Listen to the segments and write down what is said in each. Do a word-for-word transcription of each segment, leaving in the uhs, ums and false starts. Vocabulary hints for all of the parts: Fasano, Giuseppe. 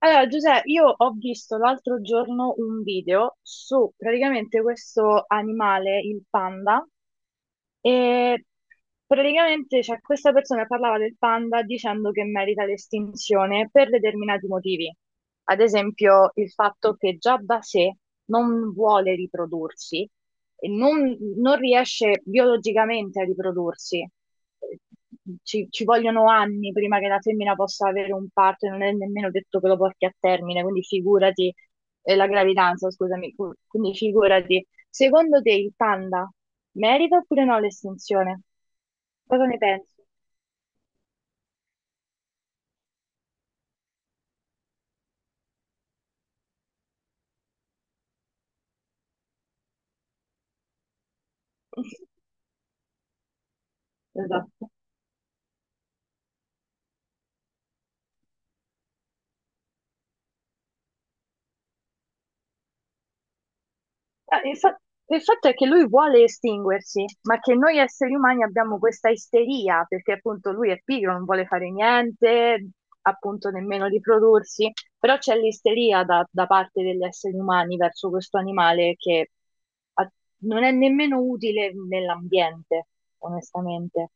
Allora, Giuseppe, io ho visto l'altro giorno un video su praticamente questo animale, il panda, e praticamente cioè, questa persona che parlava del panda dicendo che merita l'estinzione per determinati motivi. Ad esempio, il fatto che già da sé non vuole riprodursi e non, non riesce biologicamente a riprodursi, ci, ci vogliono anni prima che la femmina possa avere un parto e non è nemmeno detto che lo porti a termine, quindi figurati, eh, la gravidanza, scusami, cu- quindi figurati. Secondo te il panda merita oppure no l'estinzione? Cosa ne pensi? Esatto. Eh, Il fa- il fatto è che lui vuole estinguersi, ma che noi esseri umani abbiamo questa isteria, perché appunto lui è pigro, non vuole fare niente, appunto nemmeno riprodursi, però c'è l'isteria da, da parte degli esseri umani verso questo animale che a- non è nemmeno utile nell'ambiente, onestamente.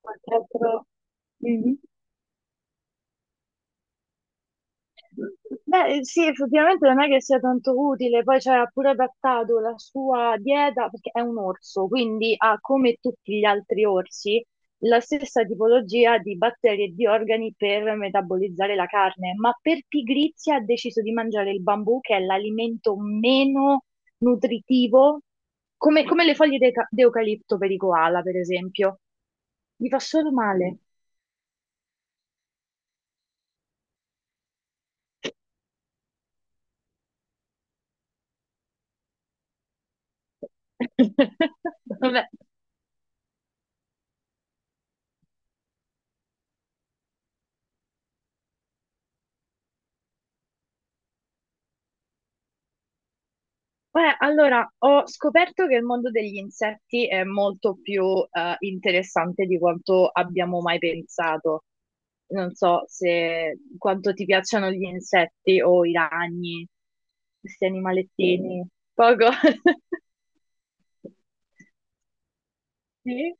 Qualche altro... Mhm. Beh, sì, effettivamente non è che sia tanto utile, poi ci ha pure adattato la sua dieta, perché è un orso, quindi ha come tutti gli altri orsi la stessa tipologia di batteri e di organi per metabolizzare la carne, ma per pigrizia ha deciso di mangiare il bambù, che è l'alimento meno nutritivo, come, come le foglie de- d'eucalipto per i koala, per esempio. Mi fa solo male. Vabbè. Beh, allora, ho scoperto che il mondo degli insetti è molto più eh, interessante di quanto abbiamo mai pensato. Non so se quanto ti piacciono gli insetti o i ragni, questi animalettini. Poco. Sì?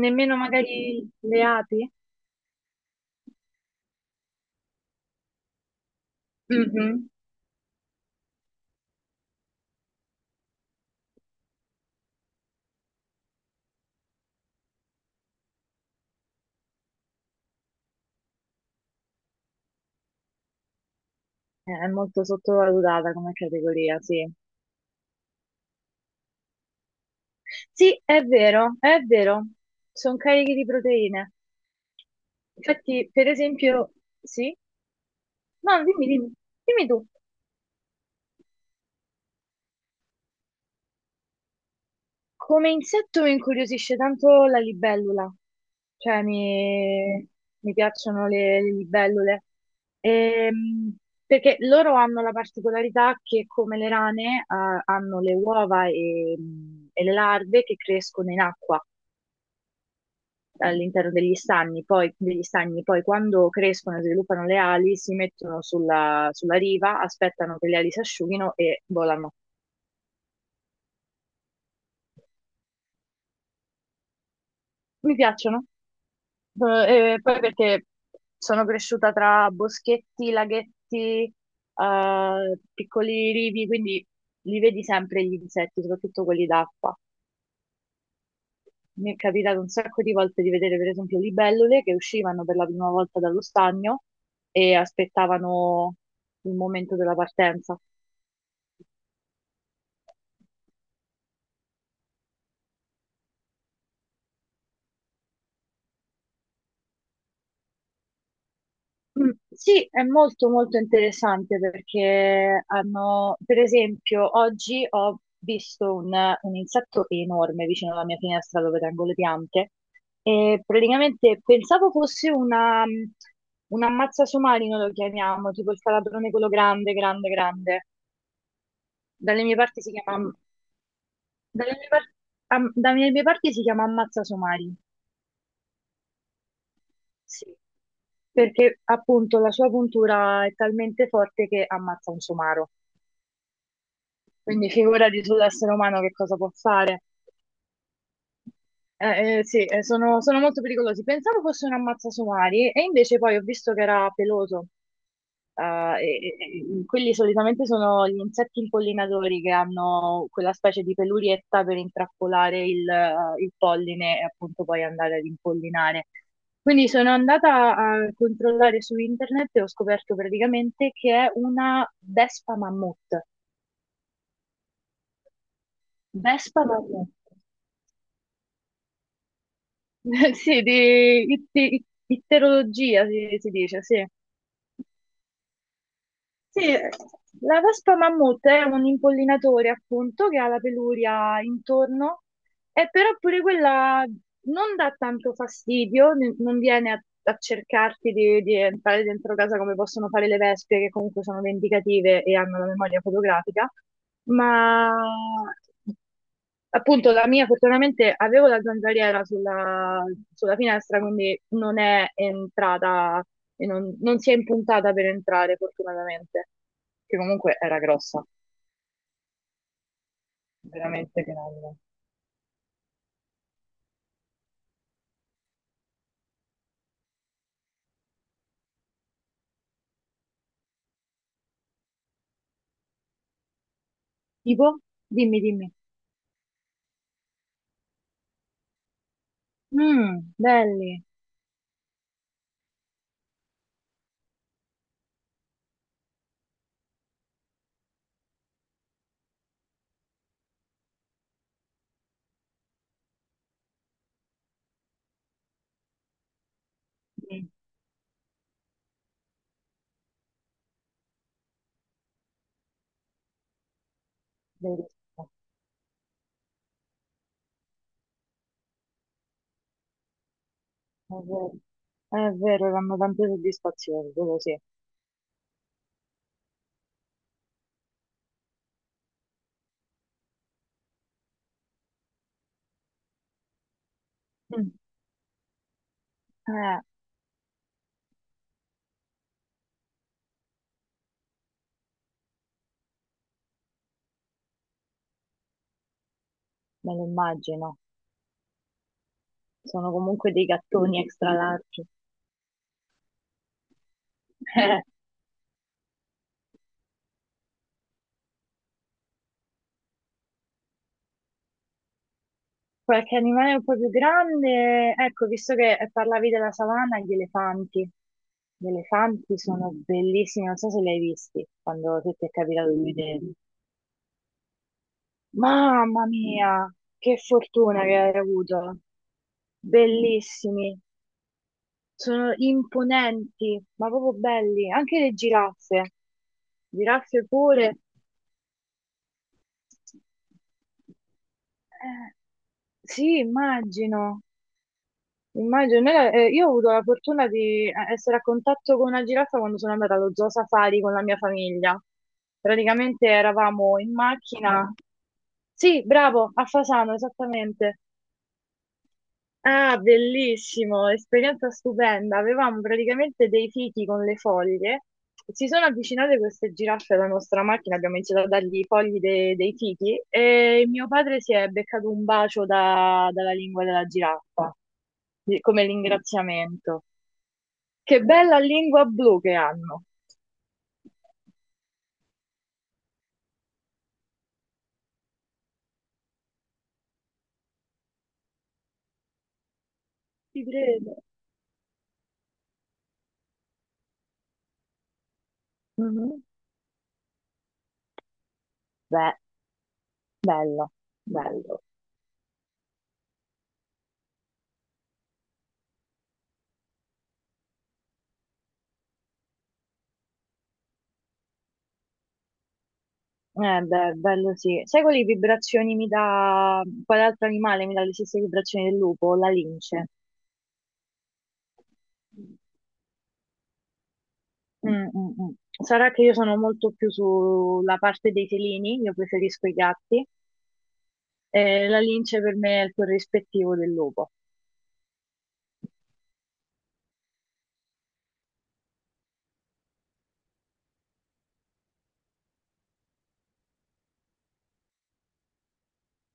Nemmeno magari le api? Mhm. È molto sottovalutata come categoria, sì. Sì, è vero, è vero. Sono carichi di proteine. Infatti, per esempio, sì? No, dimmi, dimmi, dimmi tu, come insetto mi incuriosisce tanto la libellula, cioè mi, mi piacciono le, le libellule. Ehm, Perché loro hanno la particolarità che come le rane ah, hanno le uova e, e le larve che crescono in acqua all'interno degli stagni, poi, degli stagni, poi quando crescono e sviluppano le ali si mettono sulla, sulla riva, aspettano che le ali si asciughino e volano. Mi piacciono. Eh, e poi perché sono cresciuta tra boschetti, laghetti, eh, piccoli rivi, quindi li vedi sempre gli insetti, soprattutto quelli d'acqua. Mi è capitato un sacco di volte di vedere, per esempio, libellule che uscivano per la prima volta dallo stagno e aspettavano il momento della partenza. Mm, sì, è molto molto interessante perché hanno, per esempio, oggi ho visto un, un insetto enorme vicino alla mia finestra dove tengo le piante e praticamente pensavo fosse una, un ammazza somarino, lo chiamiamo, tipo il calabrone quello grande, grande, grande. Dalle mie parti si chiama, dalle mie par- am- Dalle mie parti si chiama ammazza somari, sì, perché appunto la sua puntura è talmente forte che ammazza un somaro. Quindi figurati sull'essere umano che cosa può fare. Eh, eh, sì, eh, sono, sono molto pericolosi. Pensavo fosse un ammazzasomari e invece poi ho visto che era peloso. Eh, e- e- e quelli solitamente sono gli insetti impollinatori che hanno quella specie di pelurietta per intrappolare il, eh, il polline e appunto poi andare ad impollinare. Quindi sono andata a controllare su internet e ho scoperto praticamente che è una vespa mammut. Vespa mammut. Sì, di itti- itterologia si, si dice, sì. Sì, la vespa mammut è un impollinatore appunto che ha la peluria intorno eh, però pure quella non dà tanto fastidio, ne- non viene a, a cercarti di, di entrare dentro casa come possono fare le vespe, che comunque sono vendicative e hanno la memoria fotografica, ma appunto la mia fortunatamente avevo la zanzariera sulla, sulla finestra, quindi non è entrata e non, non si è impuntata per entrare fortunatamente, che comunque era grossa, veramente grande. Tipo? Dimmi, dimmi. Mm, belli. Mm, bellissimo. È vero, è vero, danno tante soddisfazioni, quello sì. Mm. Eh, me lo immagino. Sono comunque dei gattoni extra larghi. Eh, qualche animale un po' più grande, ecco, visto che parlavi della savana, gli elefanti. Gli elefanti sono bellissimi, non so se li hai visti quando se ti è capitato di vederli. Mamma mia, che fortuna che hai avuto! Bellissimi. Sono imponenti, ma proprio belli. Anche le giraffe, giraffe pure. Eh, sì, immagino. Immagino. Noi la- eh, io ho avuto la fortuna di eh, essere a contatto con una giraffa quando sono andata allo zoo safari con la mia famiglia. Praticamente eravamo in macchina. Sì, bravo, a Fasano, esattamente. Ah, bellissimo, esperienza stupenda. Avevamo praticamente dei fichi con le foglie. Si sono avvicinate queste giraffe alla nostra macchina, abbiamo iniziato a dargli i fogli de- dei fichi e mio padre si è beccato un bacio da- dalla lingua della giraffa, di- come ringraziamento. Che bella lingua blu che hanno. Ti credo. Mhm. Beh, bello, bello. Eh beh, bello sì. Sai quali vibrazioni mi dà, quale altro animale mi dà le stesse vibrazioni del lupo? La lince. Mm, mm, mm. Sarà che io sono molto più sulla parte dei felini, io preferisco i gatti. Eh, la lince per me è il corrispettivo del lupo.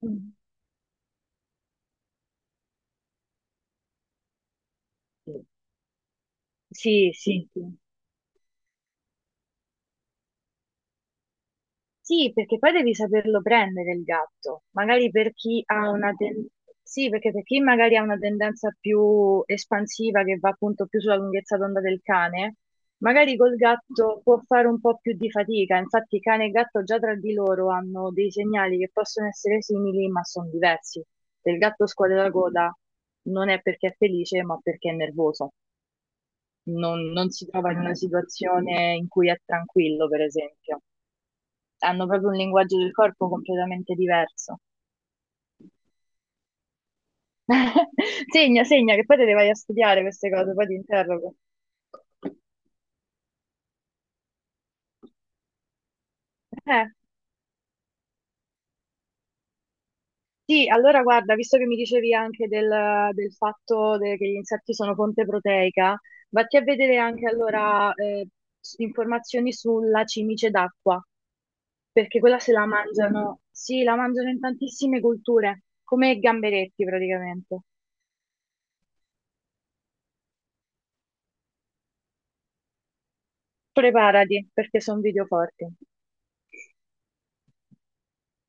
Mm. Sì, sì, sì. Sì, perché poi devi saperlo prendere il gatto. Magari per chi ha una ten- Sì, perché per chi magari ha una tendenza più espansiva che va appunto più sulla lunghezza d'onda del cane, magari col gatto può fare un po' più di fatica. Infatti, cane e gatto già tra di loro hanno dei segnali che possono essere simili, ma sono diversi. Se il gatto scuote la coda non è perché è felice, ma perché è nervoso. non non si trova in una situazione in cui è tranquillo, per esempio hanno proprio un linguaggio del corpo completamente diverso. Segna, segna, che poi te le vai a studiare queste cose, poi ti interrogo. Eh, sì, allora guarda, visto che mi dicevi anche del, del fatto de- che gli insetti sono fonte proteica, vatti a vedere anche allora eh, s- informazioni sulla cimice d'acqua, perché quella se la mangiano, sì, la mangiano in tantissime culture, come i gamberetti praticamente. Preparati, perché sono video forti.